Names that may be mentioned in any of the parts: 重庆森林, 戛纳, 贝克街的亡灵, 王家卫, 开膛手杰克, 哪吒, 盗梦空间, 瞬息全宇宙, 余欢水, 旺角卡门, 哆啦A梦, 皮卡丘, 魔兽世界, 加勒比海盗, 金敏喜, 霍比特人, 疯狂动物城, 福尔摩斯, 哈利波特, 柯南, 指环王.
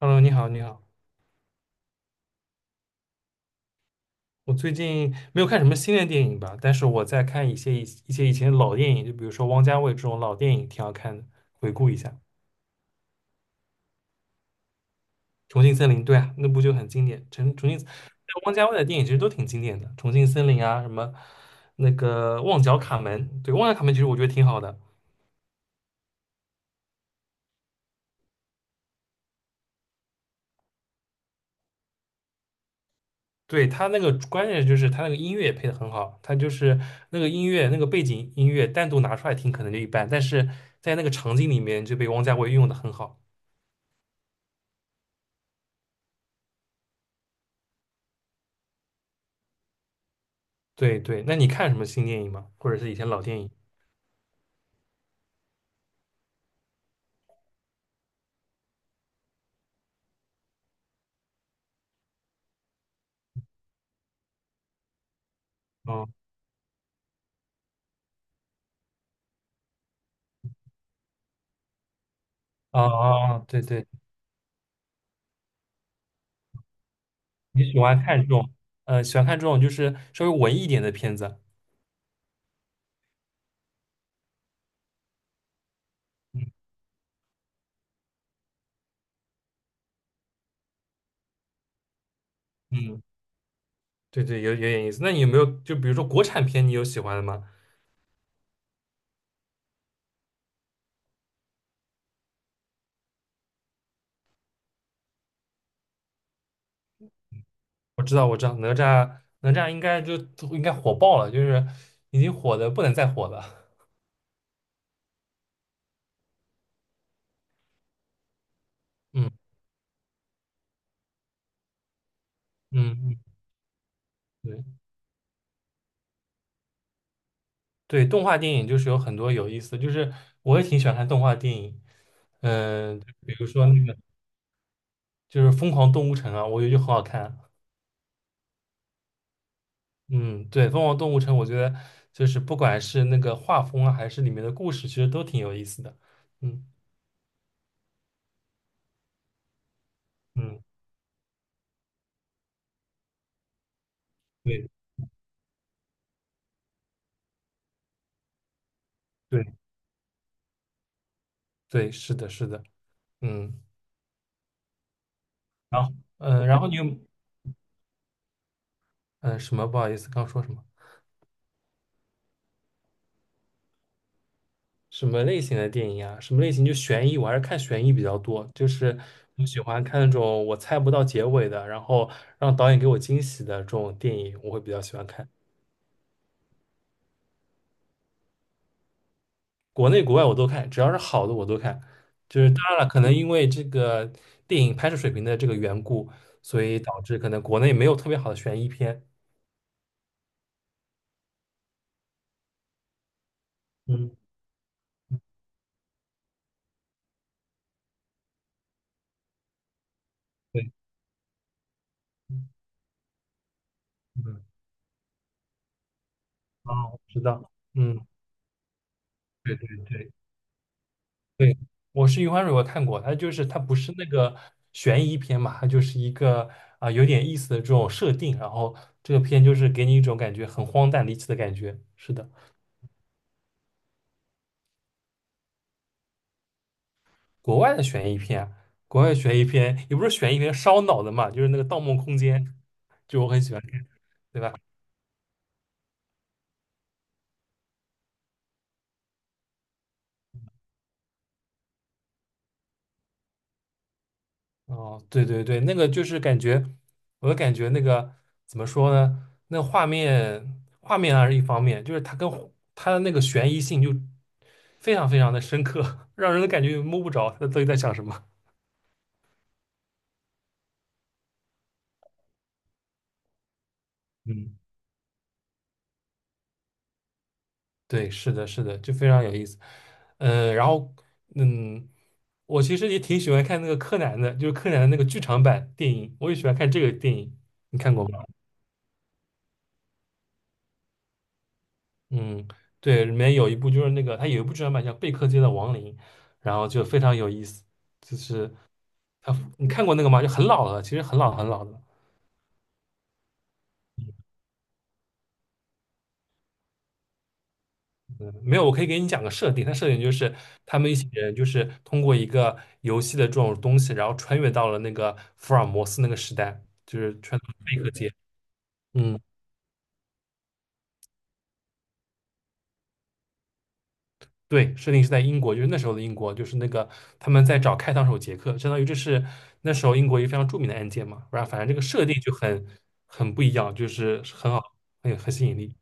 Hello，你好，你好。我最近没有看什么新的电影吧，但是我在看一些以前的老电影，就比如说王家卫这种老电影，挺好看的，回顾一下《重庆森林》。对啊，那部就很经典。重庆，王家卫的电影其实都挺经典的，《重庆森林》啊，什么那个《旺角卡门》。对，《旺角卡门》其实我觉得挺好的。对他那个关键就是他那个音乐也配的很好，他就是那个音乐那个背景音乐单独拿出来听可能就一般，但是在那个场景里面就被王家卫运用的很好。对对，那你看什么新电影吗？或者是以前老电影？哦哦哦，对对，你喜欢看这种，呃，喜欢看这种就是稍微文艺一点的片子。嗯嗯，对对，有点意思。那你有没有就比如说国产片，你有喜欢的吗？我知道，我知道，哪吒，哪吒应该火爆了，就是已经火的不能再火了。嗯嗯嗯，对对，动画电影就是有很多有意思的，就是我也挺喜欢看动画电影。嗯、比如说那个就是《疯狂动物城》啊，我觉得就很好看。嗯，对，《疯狂动物城》，我觉得就是不管是那个画风啊，还是里面的故事，其实都挺有意思的。嗯嗯，对对对，是的，是的，嗯。然后，然后你有，什么？不好意思，刚说什么？什么类型的电影啊？什么类型？就悬疑，我还是看悬疑比较多，就是我喜欢看那种我猜不到结尾的，然后让导演给我惊喜的这种电影，我会比较喜欢看。国内国外我都看，只要是好的我都看。就是当然了，可能因为这个电影拍摄水平的这个缘故，所以导致可能国内没有特别好的悬疑片。嗯，对，嗯，哦，我知道，嗯，对对对对，我是《余欢水》，我看过，它就是它不是那个悬疑片嘛，它就是一个有点意思的这种设定，然后这个片就是给你一种感觉很荒诞离奇的感觉。是的。国外的悬疑片啊国外悬疑片也不是悬疑片，烧脑的嘛，就是那个《盗梦空间》，就我很喜欢看，对吧？哦，对对对，那个就是感觉，我的感觉那个怎么说呢？那画面还是一方面，就是它跟它的那个悬疑性就非常非常的深刻，让人感觉摸不着他到底在想什么。嗯。对，是的，是的，就非常有意思。嗯，然后嗯，我其实也挺喜欢看那个柯南的，就是柯南的那个剧场版电影，我也喜欢看这个电影，你看过吗？嗯，对，里面有一部就是那个，它有一部剧场版叫《贝克街的亡灵》，然后就非常有意思，就是它，你看过那个吗？就很老了，其实很老很老的。没有，我可以给你讲个设定。它设定就是他们一行人就是通过一个游戏的这种东西，然后穿越到了那个福尔摩斯那个时代，就是穿越到黑客界。嗯，对，设定是在英国，就是那时候的英国，就是那个他们在找开膛手杰克，相当于这是那时候英国一个非常著名的案件嘛。不然后反正这个设定就很不一样，就是很好，很吸引力。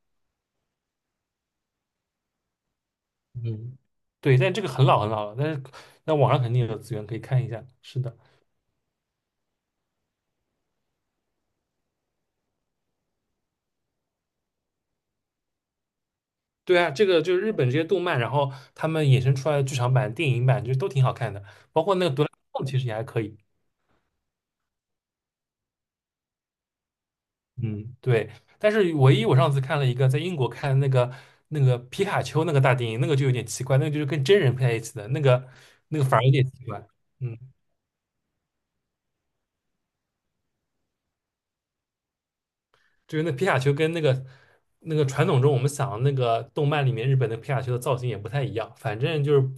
嗯，对，但这个很老很老了，但是那网上肯定有资源可以看一下。是的。对啊，这个就是日本这些动漫，然后他们衍生出来的剧场版、电影版就都挺好看的，包括那个《哆啦 A 梦》其实也还可以。嗯，对。但是唯一我上次看了一个在英国看的那个皮卡丘那个大电影，那个就有点奇怪，那个就是跟真人配在一起的，那个反而有点奇怪。嗯，就是那皮卡丘跟那个传统中我们想的那个动漫里面日本的皮卡丘的造型也不太一样，反正就是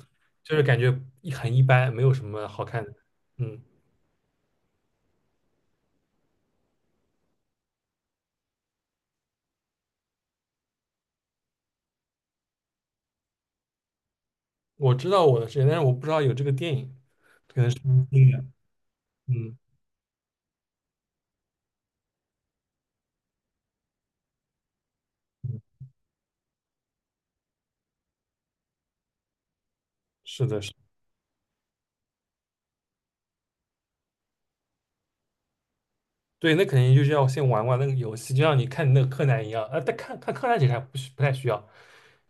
就是感觉很一般，没有什么好看的。嗯，我知道我的世界，但是我不知道有这个电影。可能是音乐，嗯嗯，是的，是的，对，那肯定就是要先玩玩那个游戏，就像你看你那个柯南一样，啊，但看看柯南其实还不需不太需要，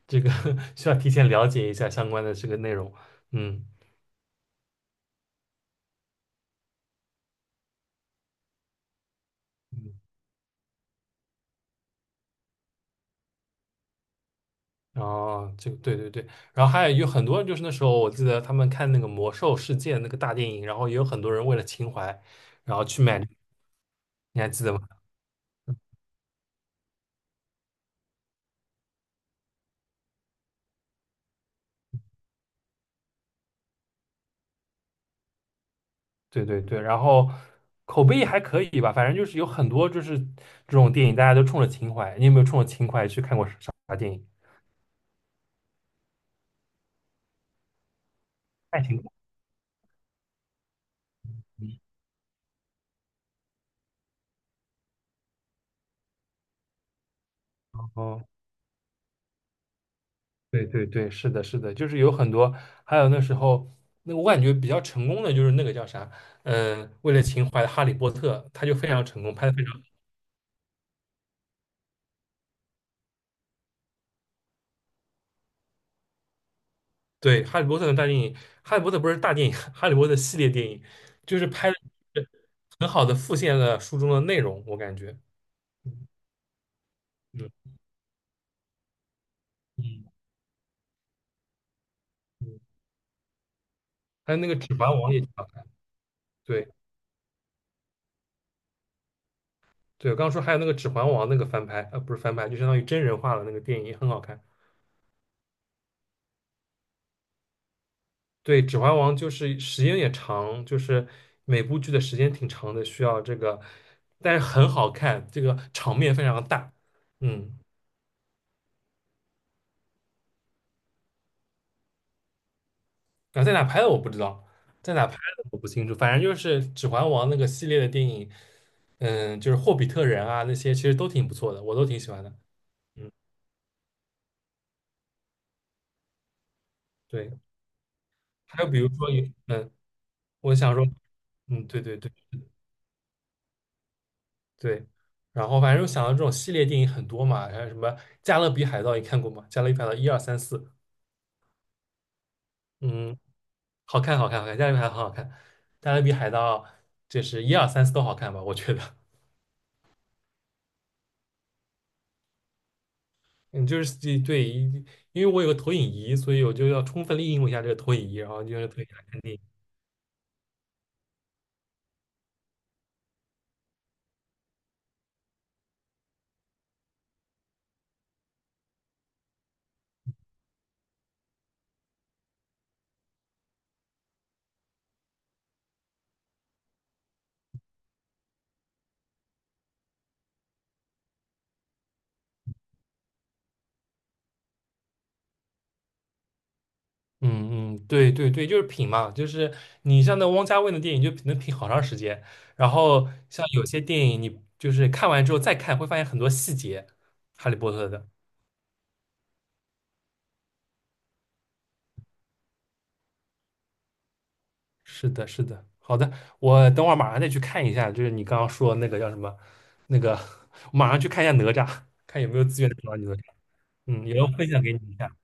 这个 需要提前了解一下相关的这个内容，嗯嗯，哦，这个对对对，然后还有很多人，就是那时候我记得他们看那个魔兽世界那个大电影，然后也有很多人为了情怀，然后去买，你还记得吗？对对对，然后口碑还可以吧，反正就是有很多就是这种电影，大家都冲着情怀。你有没有冲着情怀去看过啥电影？爱情故事。哦，对对对，是的，是的，就是有很多，还有那时候那个我感觉比较成功的就是那个叫啥，为了情怀的《哈利波特》，他就非常成功，拍的非常对。《哈利波特》的大电影，《哈利波特》不是大电影，《哈利波特》系列电影，就是拍的很好的复现了书中的内容，我感觉。嗯嗯嗯。还有那个《指环王》也挺好看。对对，我刚刚说还有那个《指环王》那个翻拍，不是翻拍，就相当于真人化了，那个电影也很好看。对，《指环王》就是时间也长，就是每部剧的时间挺长的，需要这个，但是很好看，这个场面非常大。嗯，啊，在哪拍的我不知道，在哪拍的我不清楚，反正就是《指环王》那个系列的电影，嗯，就是《霍比特人》啊那些，其实都挺不错的，我都挺喜欢的。对，还有比如说有，我想说，嗯，对对对。对，然后反正想到这种系列电影很多嘛，还有什么《加勒比海盗》，你看过吗？《加勒比海盗》一二三四，二三四嗯，好看，好看，好看，《加勒比海盗》很好看，《加勒比海盗》就是一二三四都好看吧，我觉得。嗯，就是对，对，因为我有个投影仪，所以我就要充分利用一下这个投影仪，然后就是投影来看电影。嗯嗯，对对对，就是品嘛，就是你像那汪家卫的电影就能品好长时间，然后像有些电影你就是看完之后再看，会发现很多细节，《哈利波特》的。是的，是的，好的，我等会儿马上再去看一下，就是你刚刚说的那个叫什么，那个，我马上去看一下哪吒，看有没有资源能找到你哪吒。嗯，也要分享给你一下。